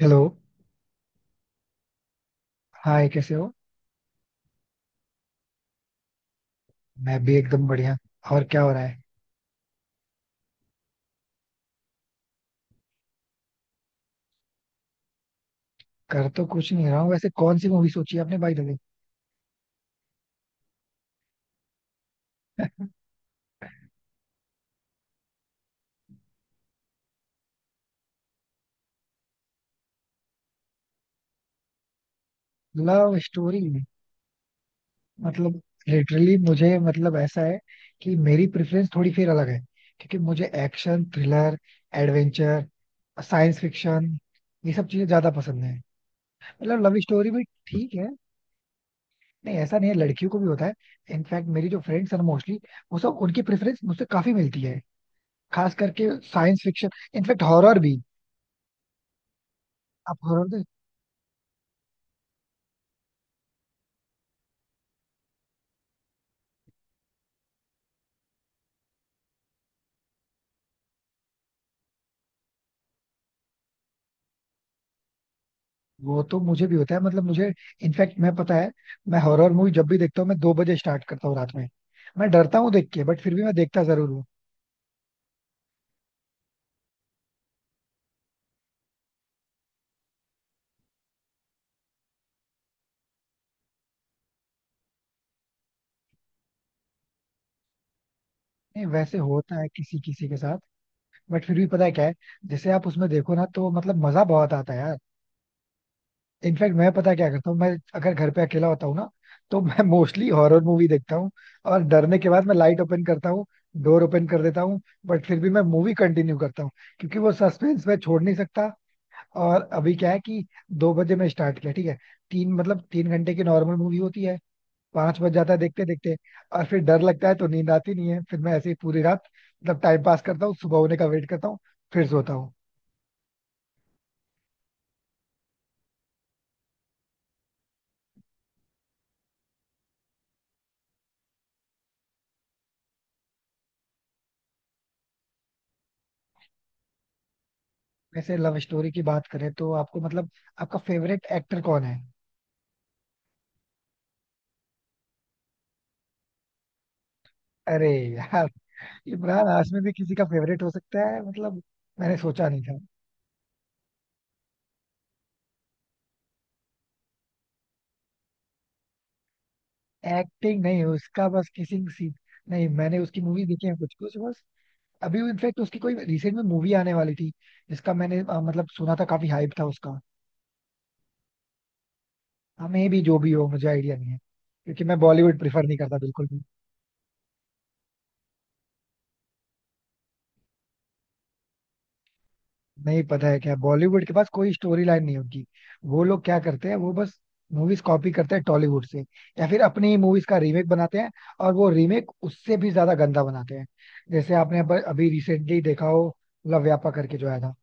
Hello. Hi कैसे हो? मैं भी एकदम बढ़िया। और क्या हो रहा है? कर तो कुछ नहीं रहा हूँ। वैसे कौन सी मूवी सोची आपने, भाई दादी? Love story? मतलब लिटरली मुझे, मतलब ऐसा है कि मेरी प्रेफरेंस थोड़ी फिर अलग है। क्योंकि मुझे action thriller, adventure, science fiction, ये सब चीजें ज्यादा पसंद है। मतलब लव स्टोरी भी ठीक है। नहीं ऐसा नहीं है, लड़कियों को भी होता है। इनफैक्ट मेरी जो फ्रेंड्स हैं मोस्टली, वो सब उनकी प्रेफरेंस मुझसे काफी मिलती है। खास करके साइंस फिक्शन। इनफैक्ट हॉरर भी। आप हॉरर देख... वो तो मुझे भी होता है। मतलब मुझे, इनफैक्ट मैं पता है, मैं हॉरर मूवी जब भी देखता हूँ मैं 2 बजे स्टार्ट करता हूँ रात में। मैं डरता हूँ देख के, बट फिर भी मैं देखता जरूर हूँ। नहीं वैसे होता है किसी किसी के साथ। बट फिर भी पता है क्या है, जैसे आप उसमें देखो ना तो मतलब मजा बहुत आता है यार। इनफैक्ट मैं पता है क्या करता हूँ, मैं अगर घर पे अकेला होता हूँ ना तो मैं मोस्टली हॉरर मूवी देखता हूँ। और डरने के बाद मैं लाइट ओपन करता हूँ, डोर ओपन कर देता हूँ, बट फिर भी मैं मूवी कंटिन्यू करता हूँ। क्योंकि वो सस्पेंस मैं छोड़ नहीं सकता। और अभी क्या है कि 2 बजे मैं स्टार्ट किया, ठीक है, तीन, मतलब 3 घंटे की नॉर्मल मूवी होती है, 5 बज जाता है देखते देखते। और फिर डर लगता है तो नींद आती नहीं है, फिर मैं ऐसे ही पूरी रात, मतलब टाइम पास करता हूँ, सुबह होने का वेट करता हूँ, फिर सोता हूँ। वैसे लव स्टोरी की बात करें तो आपको, मतलब आपका फेवरेट एक्टर कौन है? अरे यार, इमरान हाशमी भी किसी का फेवरेट हो सकता है, मतलब मैंने सोचा नहीं था। एक्टिंग नहीं, उसका बस किसिंग सीन। नहीं मैंने उसकी मूवी देखी है कुछ कुछ बस। अभी इनफेक्ट उसकी कोई रिसेंट में मूवी आने वाली थी, जिसका मैंने मतलब सुना था, काफी हाइप था उसका। हाँ मे भी जो भी हो, मुझे आइडिया नहीं है। क्योंकि मैं बॉलीवुड प्रिफर नहीं करता बिल्कुल भी। नहीं पता है क्या, बॉलीवुड के पास कोई स्टोरी लाइन नहीं होती। वो लोग क्या करते हैं, वो बस मूवीज कॉपी करते हैं टॉलीवुड से, या फिर अपनी ही मूवीज का रीमेक बनाते हैं। और वो रीमेक उससे भी ज्यादा गंदा बनाते हैं। जैसे आपने अभी रिसेंटली देखा हो, लव व्यापा करके जो आया था,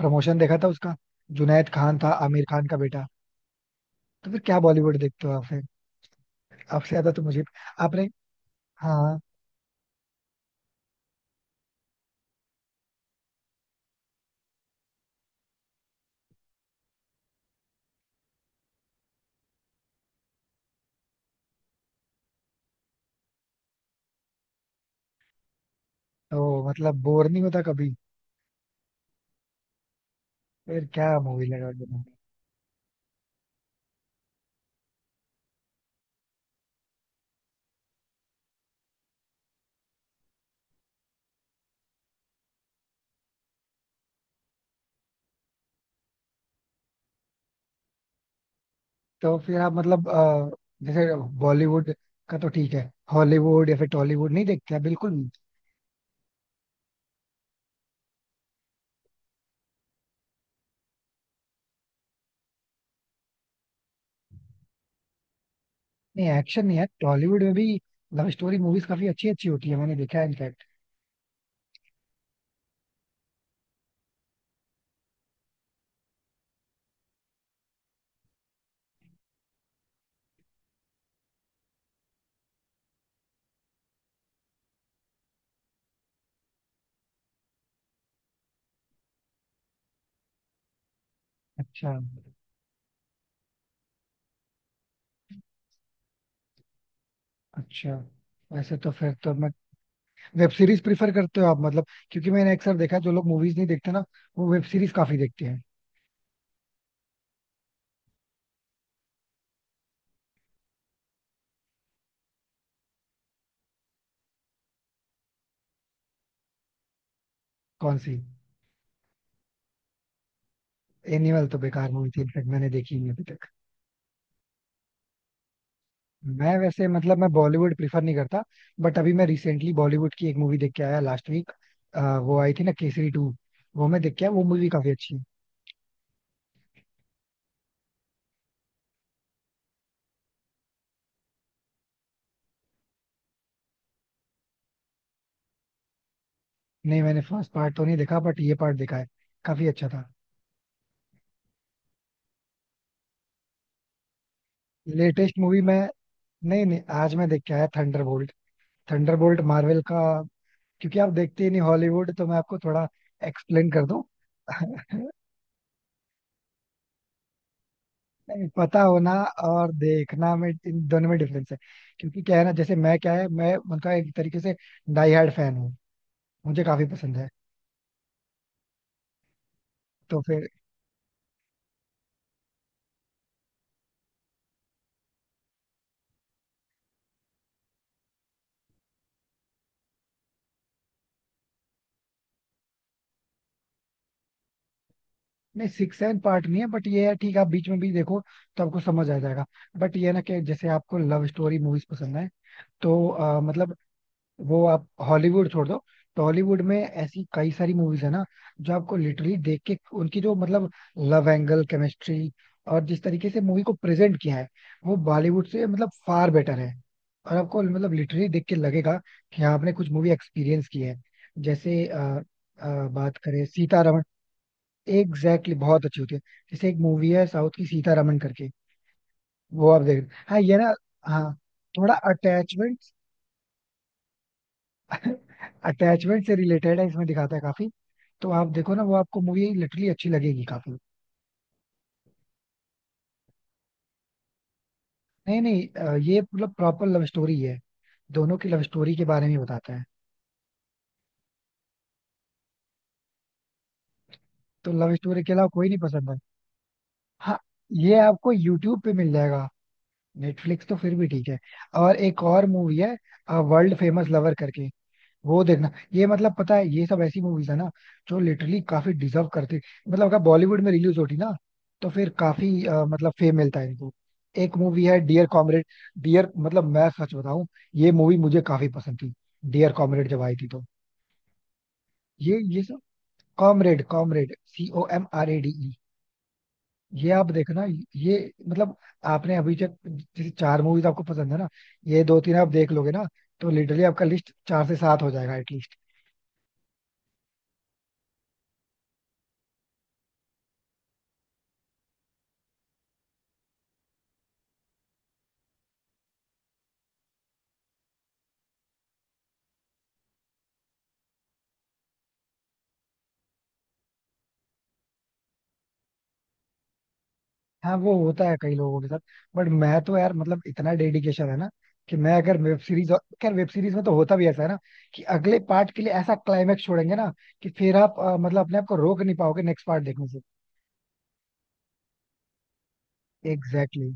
प्रमोशन देखा था उसका, जुनैद खान था, आमिर खान का बेटा। तो फिर क्या बॉलीवुड देखते हो आप? आपसे ज्यादा तो मुझे... आपने... हाँ। तो मतलब बोर नहीं होता कभी? फिर क्या मूवी लगा के देखोगे? तो फिर आप, मतलब जैसे बॉलीवुड का तो ठीक है, हॉलीवुड या फिर टॉलीवुड नहीं देखते हैं बिल्कुल भी? नहीं एक्शन नहीं है टॉलीवुड में भी, लव स्टोरी मूवीज काफी अच्छी अच्छी होती है, मैंने देखा है इनफैक्ट। अच्छा, अच्छा। वैसे तो फिर तो मैं... वेब सीरीज प्रिफर करते हो आप, मतलब क्योंकि मैंने अक्सर देखा है, जो लोग मूवीज नहीं देखते ना वो वेब सीरीज काफी देखते हैं। कौन सी? एनिमल तो बेकार मूवी थी, इनफैक्ट मैंने देखी नहीं अभी तक। मैं वैसे, मतलब मैं बॉलीवुड प्रिफर नहीं करता, बट अभी मैं रिसेंटली बॉलीवुड की एक मूवी देख के आया लास्ट वीक। वो आई थी ना केसरी टू, वो मैं देख के आया, वो मूवी काफी अच्छी है। नहीं मैंने फर्स्ट पार्ट तो नहीं देखा, बट ये पार्ट देखा है, काफी अच्छा था। लेटेस्ट मूवी मैं, नहीं नहीं आज मैं देख के आया थंडरबोल्ट, थंडरबोल्ट मार्वल का। क्योंकि आप देखते ही नहीं हॉलीवुड, तो मैं आपको थोड़ा एक्सप्लेन कर दूं। नहीं, पता होना और देखना, में इन दोनों में डिफरेंस है। क्योंकि क्या है ना, जैसे मैं क्या है, मैं उनका एक तरीके से डाई हार्ड फैन हूँ, मुझे काफी पसंद है। तो फिर... नहीं सिक्स एंड पार्ट नहीं है, बट ये है, ठीक है आप बीच में भी देखो तो आपको समझ आ जाएगा। बट ये है ना कि जैसे आपको लव स्टोरी मूवीज पसंद है तो मतलब वो आप हॉलीवुड छोड़ दो, टॉलीवुड में ऐसी कई सारी मूवीज है ना जो आपको लिटरली देख के उनकी जो मतलब लव एंगल, केमिस्ट्री और जिस तरीके से मूवी को प्रेजेंट किया है, वो बॉलीवुड से मतलब फार बेटर है। और आपको मतलब लिटरली देख के लगेगा कि हाँ आपने कुछ मूवी एक्सपीरियंस की है। जैसे बात करें सीतारमण, एग्जैक्टली बहुत अच्छी होती है। जैसे एक मूवी है साउथ की सीतारमन करके, वो आप देख... हाँ ये ना, हाँ। थोड़ा अटैचमेंट, अटैचमेंट से रिलेटेड है, इसमें दिखाता है काफी। तो आप देखो ना, वो आपको मूवी लिटरली अच्छी लगेगी काफी। नहीं नहीं ये मतलब प्रॉपर लव स्टोरी है, दोनों की लव स्टोरी के बारे में बताता है। तो लव स्टोरी के अलावा कोई नहीं पसंद है? हाँ। ये आपको यूट्यूब पे मिल जाएगा, नेटफ्लिक्स तो फिर भी ठीक है। और एक और मूवी है, वर्ल्ड फेमस लवर करके, वो देखना। ये मतलब पता है, ये सब ऐसी मूवीज है ना जो लिटरली काफी डिजर्व करती, मतलब अगर बॉलीवुड में रिलीज होती ना तो फिर काफी मतलब फेम मिलता है इनको। एक मूवी है डियर कॉमरेड, डियर... मतलब मैं सच बताऊं, ये मूवी मुझे काफी पसंद थी डियर कॉमरेड जब आई थी तो। ये सब कॉमरेड, कॉमरेड COMRADE। ये आप देखना, ये मतलब आपने अभी तक जैसे चार मूवीज आपको पसंद है ना, ये दो तीन आप देख लोगे ना तो लिटरली आपका लिस्ट चार से सात हो जाएगा एटलीस्ट। हाँ वो होता है कई लोगों के साथ, बट मैं तो यार मतलब इतना डेडिकेशन है ना कि मैं अगर वेब सीरीज... खैर वेब सीरीज में तो होता भी ऐसा है ना कि अगले पार्ट के लिए ऐसा क्लाइमेक्स छोड़ेंगे ना कि फिर आप मतलब अपने आप को रोक नहीं पाओगे नेक्स्ट पार्ट देखने से। Exactly exactly.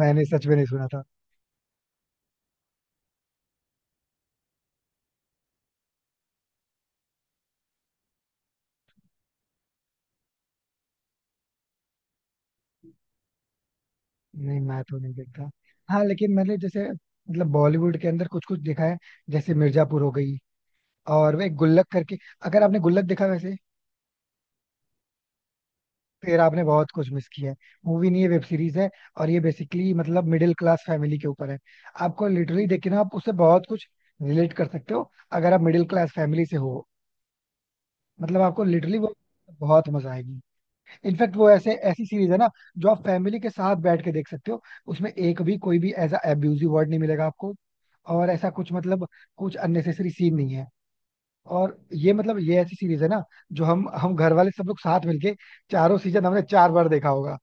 मैंने सच में नहीं सुना था। नहीं मैं तो नहीं देखता। हाँ लेकिन मैंने जैसे मतलब बॉलीवुड के अंदर कुछ कुछ देखा है, जैसे मिर्जापुर हो गई, और वे गुल्लक करके। अगर आपने गुल्लक देखा वैसे, फिर आपने बहुत कुछ मिस किया है। मूवी नहीं है वेब सीरीज है, और ये बेसिकली मतलब मिडिल क्लास फैमिली के ऊपर है। आपको लिटरली देखिए ना, आप उससे बहुत कुछ रिलेट कर सकते हो अगर आप मिडिल क्लास फैमिली से हो। मतलब आपको लिटरली वो बहुत मजा आएगी। इनफैक्ट वो ऐसे ऐसी सीरीज है ना जो आप फैमिली के साथ बैठ के देख सकते हो। उसमें एक भी कोई भी ऐसा एब्यूजिव वर्ड नहीं मिलेगा आपको, और ऐसा कुछ मतलब कुछ अननेसेसरी सीन नहीं है। और ये मतलब ये ऐसी सीरीज है ना जो हम घर वाले सब लोग साथ मिलके चारों सीजन हमने चार बार देखा होगा।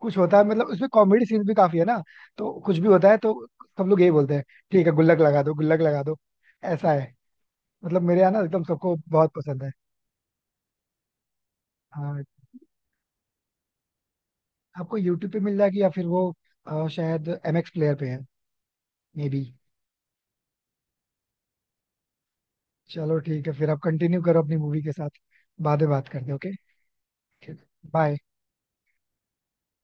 कुछ होता है मतलब उसमें कॉमेडी सीन भी काफी है ना, तो कुछ भी होता है तो सब लोग यही बोलते हैं, ठीक है गुल्लक लगा दो, गुल्लक लगा दो। ऐसा है, मतलब मेरे यहाँ ना एकदम सबको बहुत पसंद है। हाँ, आपको यूट्यूब पे मिल जाएगी या फिर वो शायद एमएक्स प्लेयर पे है, मे बी। चलो ठीक है, फिर आप कंटिन्यू करो अपनी मूवी के साथ, बाद में बात करते हैं ओके। बाय।